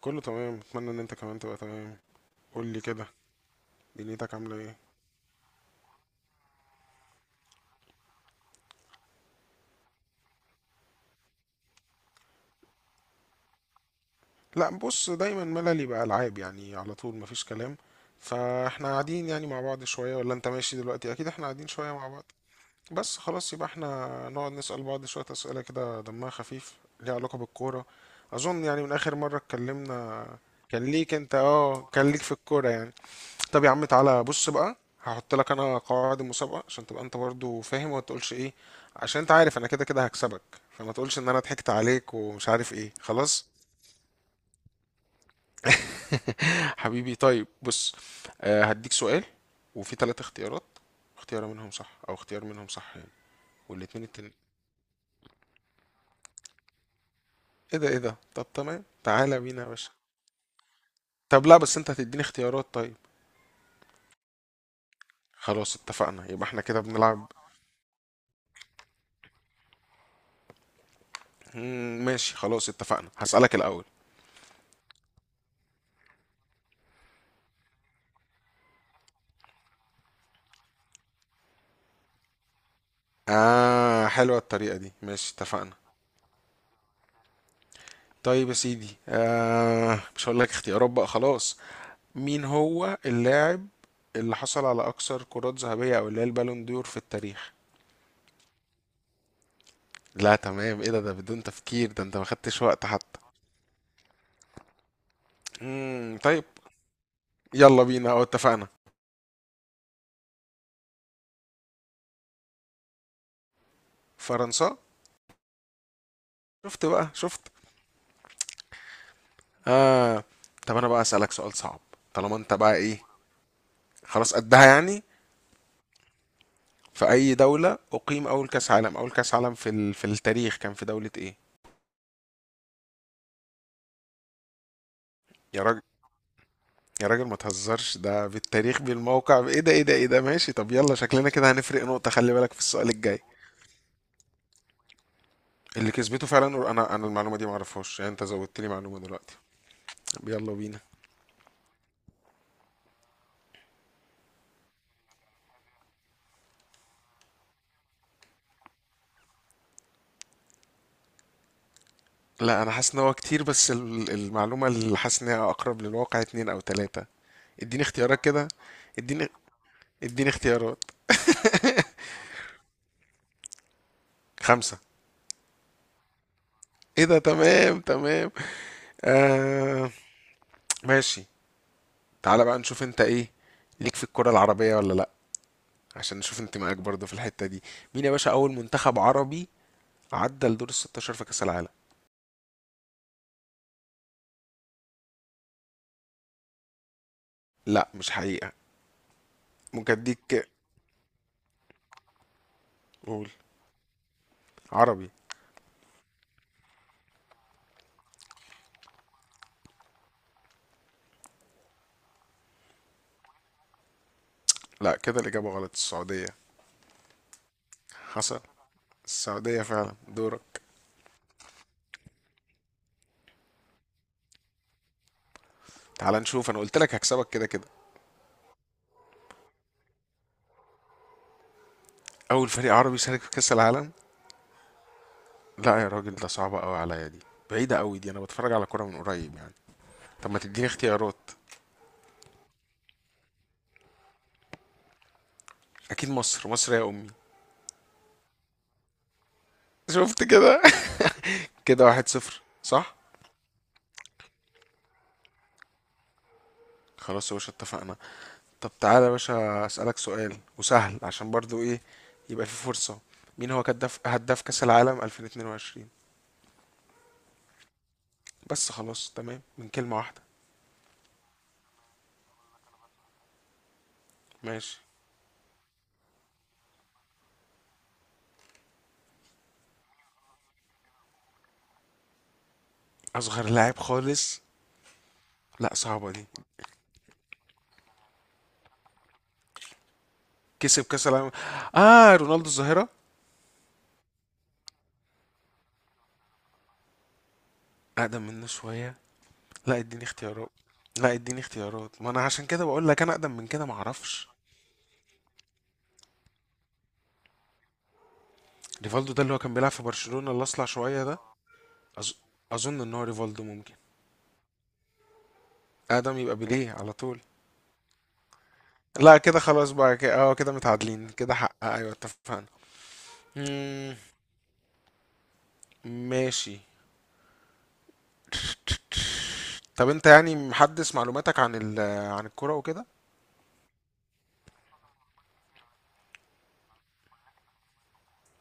كله تمام، اتمنى ان انت كمان تبقى تمام. قول لي كده، دنيتك عامله ايه؟ لا بص، دايما مللي بقى العاب يعني على طول مفيش كلام. فاحنا قاعدين يعني مع بعض شويه، ولا انت ماشي دلوقتي؟ اكيد احنا قاعدين شويه مع بعض. بس خلاص، يبقى احنا نقعد نسال بعض شويه اسئله كده دمها خفيف، ليها علاقه بالكوره، اظن يعني من اخر مره اتكلمنا. كان ليك انت اه كان ليك في الكوره يعني. طب يا عم تعالى بص بقى، هحط لك انا قواعد المسابقه عشان تبقى انت برضو فاهم وما تقولش ايه. عشان انت عارف انا كده كده هكسبك، فما تقولش ان انا ضحكت عليك ومش عارف ايه خلاص. حبيبي طيب بص. آه هديك سؤال، وفي ثلاث اختيارات، اختيار منهم صح او اختيار منهم صح يعني، والاتنين التانيين. ايه ده. طب تمام تعالى بينا يا باشا. طب لا بس انت هتديني اختيارات طيب. خلاص اتفقنا، يبقى احنا كده بنلعب. ماشي، خلاص اتفقنا، هسألك الأول. آه، حلوة الطريقة دي، ماشي اتفقنا. طيب يا سيدي، آه مش هقول لك اختيارات بقى خلاص. مين هو اللاعب اللي حصل على اكثر كرات ذهبية، او اللي هي البالون دور، في التاريخ؟ لا تمام، ايه ده؟ ده بدون تفكير، ده انت ما خدتش وقت حتى. طيب. يلا بينا، اه اتفقنا. فرنسا. شفت بقى، شفت. اه. طب انا بقى اسالك سؤال صعب، طالما انت بقى ايه، خلاص قدها يعني. في اي دولة اقيم اول كاس عالم؟ اول كاس عالم في في التاريخ كان في دولة ايه؟ يا راجل، يا راجل ما تهزرش، ده بالتاريخ بالموقع. ايه ده ايه ده ايه ده، ماشي. طب يلا شكلنا كده هنفرق نقطة، خلي بالك في السؤال الجاي. اللي كسبته فعلا، انا المعلومة دي ما اعرفهاش يعني، انت زودت لي معلومة دلوقتي. طب يلا بينا. لا انا حاسس ان هو كتير، بس المعلومة اللي حاسس ان هي اقرب للواقع اتنين او تلاتة. اديني اختيارات كده، اديني اديني اختيارات. خمسة. ايه ده، تمام تمام. آه ماشي. تعالى بقى نشوف انت ايه ليك في الكرة العربية ولا لا، عشان نشوف انتمائك برضه في الحتة دي. مين يا باشا أول منتخب عربي عدى لدور الستاشر في كأس العالم؟ لا مش حقيقة. ممكن أديك. قول. عربي. لا كده الإجابة غلط. السعودية. حصل. السعودية فعلا. دورك. تعال نشوف، أنا قلت لك هكسبك كده كده. أول فريق عربي شارك في كأس العالم. لا يا راجل، ده صعبة أوي عليا دي، بعيدة أوي دي، أنا بتفرج على كورة من قريب يعني. طب ما تديني اختيارات. أكيد مصر، مصر يا أمي. شفت كده. كده واحد صفر صح. خلاص يا باشا اتفقنا. طب تعالى يا باشا أسألك سؤال وسهل عشان برضو ايه، يبقى في فرصة. مين هو كدف هداف كأس العالم 2022؟ بس خلاص، تمام من كلمة واحدة. ماشي. أصغر لاعب خالص. لا صعبة دي. كسب كأس العالم. آه رونالدو الظاهرة. أقدم منه شوية. لا اديني اختيارات، لا اديني اختيارات، ما انا عشان كده بقول لك انا اقدم من كده ما اعرفش. ريفالدو ده اللي هو كان بيلعب في برشلونة اللي اصلع شوية ده. أظ... اظن ان هو ريفالدو ممكن. اقدم، يبقى بيليه على طول. لا كده خلاص بقى كده، اه كده متعادلين، كده حق ايوه اتفقنا. مم، ماشي. طب انت يعني محدث معلوماتك عن عن الكرة وكده.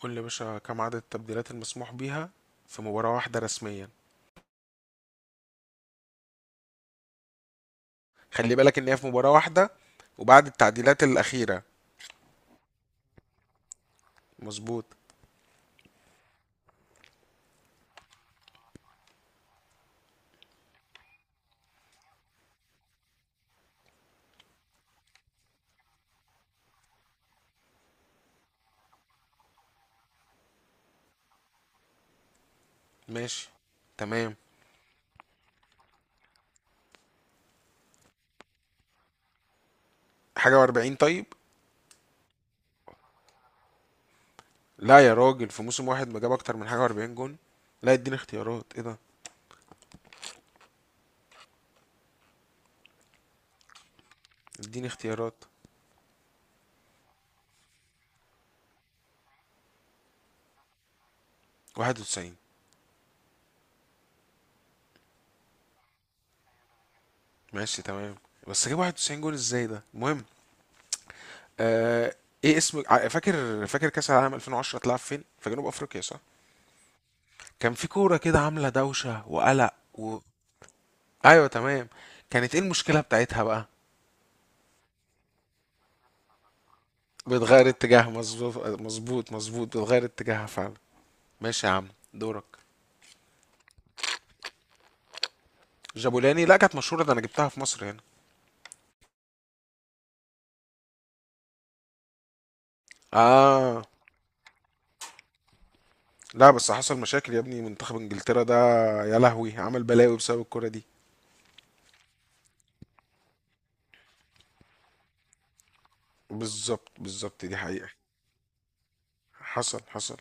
قول لي يا باشا، كم عدد التبديلات المسموح بيها في مباراة واحدة رسميا؟ خلي بالك ان هي في مباراة واحدة، وبعد التعديلات الأخيرة. مظبوط. ماشي تمام. حاجة وأربعين طيب. لا يا راجل، في موسم واحد ما جاب أكتر من حاجة وأربعين جون. لا اديني اختيارات، ايه ده. اديني اختيارات. واحد وتسعين. ماشي تمام. بس جاب واحد وتسعين جون ازاي، ده المهم. آه. ايه اسم فاكر كاس العالم 2010 اتلعب فين؟ في جنوب افريقيا صح. كان في كوره كده عامله دوشه وقلق ايوه تمام. كانت ايه المشكله بتاعتها بقى؟ بتغير اتجاه، مظبوط مظبوط مظبوط، بتغير اتجاهها فعلا. ماشي يا عم. دورك. جابولاني. لا كانت مشهوره ده، انا جبتها في مصر هنا. اه. لا بس حصل مشاكل يا ابني منتخب انجلترا ده. يا لهوي، عمل بلاوي بسبب الكوره دي. بالظبط بالظبط، دي حقيقه. حصل حصل.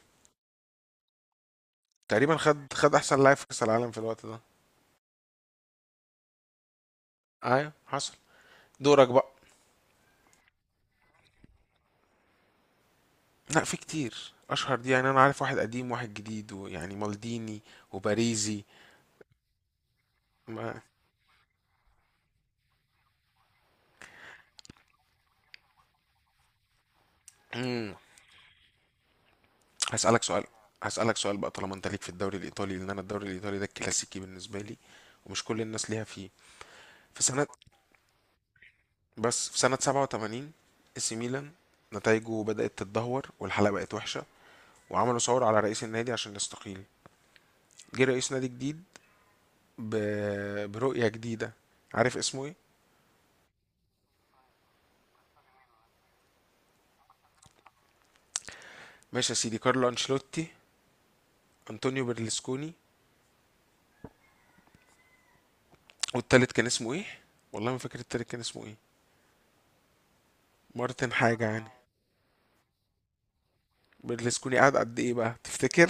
تقريبا خد، خد احسن لاعب في كاس العالم في الوقت ده. ايوه حصل. دورك بقى. لا في كتير اشهر دي يعني، انا عارف واحد قديم واحد جديد، ويعني مالديني وباريزي. ما... مم. هسألك سؤال، هسألك سؤال بقى، طالما انت ليك في الدوري الايطالي، لان انا الدوري الايطالي ده الكلاسيكي بالنسبة لي ومش كل الناس ليها فيه. في سنة بس في سنة 87 اي سي ميلان نتائجه بدأت تتدهور والحلقة بقت وحشة، وعملوا ثورة على رئيس النادي عشان يستقيل. جه رئيس نادي جديد ب... برؤية جديدة. عارف اسمه ايه؟ ماشي يا سيدي، كارلو انشيلوتي، أنطونيو برلسكوني، والتالت كان اسمه إيه؟ والله ما فاكر التالت كان اسمه إيه. مارتن حاجة يعني. برلسكوني قعد قد إيه بقى؟ تفتكر؟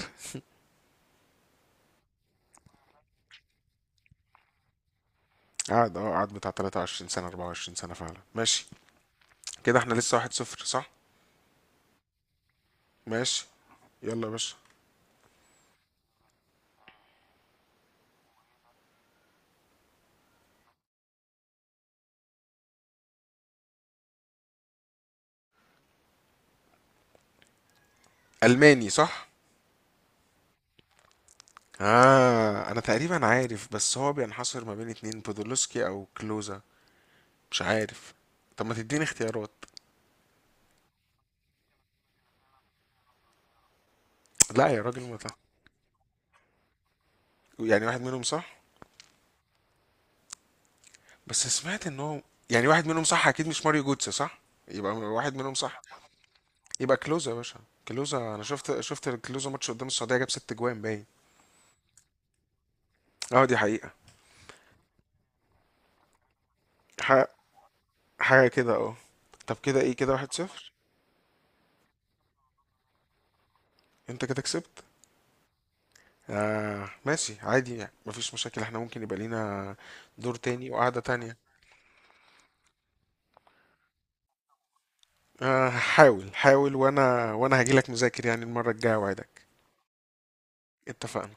قعد، أه قعد بتاع 23 سنة 24 سنة فعلا، ماشي. كده إحنا لسه 1-0، صح؟ ماشي. يلا يا باشا. ألماني صح؟ آه أنا تقريبا عارف، بس هو بينحصر ما بين اتنين، بودولوسكي أو كلوزا، مش عارف. طب ما تديني اختيارات. لا يا راجل ما تع- يعني واحد منهم صح. بس سمعت ان هو يعني واحد منهم صح، اكيد مش ماريو جوتس صح، يبقى واحد منهم صح. يبقى كلوزا يا باشا. كلوزا انا شفت كلوزا ماتش قدام السعوديه جاب ست جوان باين. اه دي حقيقه، حاجه، حاجه كده اه. طب كده ايه، كده 1-0. انت كده كسبت. آه ماشي عادي يعني، مفيش مشاكل، احنا ممكن يبقى لينا دور تاني وقعده تانية. آه حاول حاول، وانا هجيلك مذاكر يعني المره الجايه، وعدك. اتفقنا.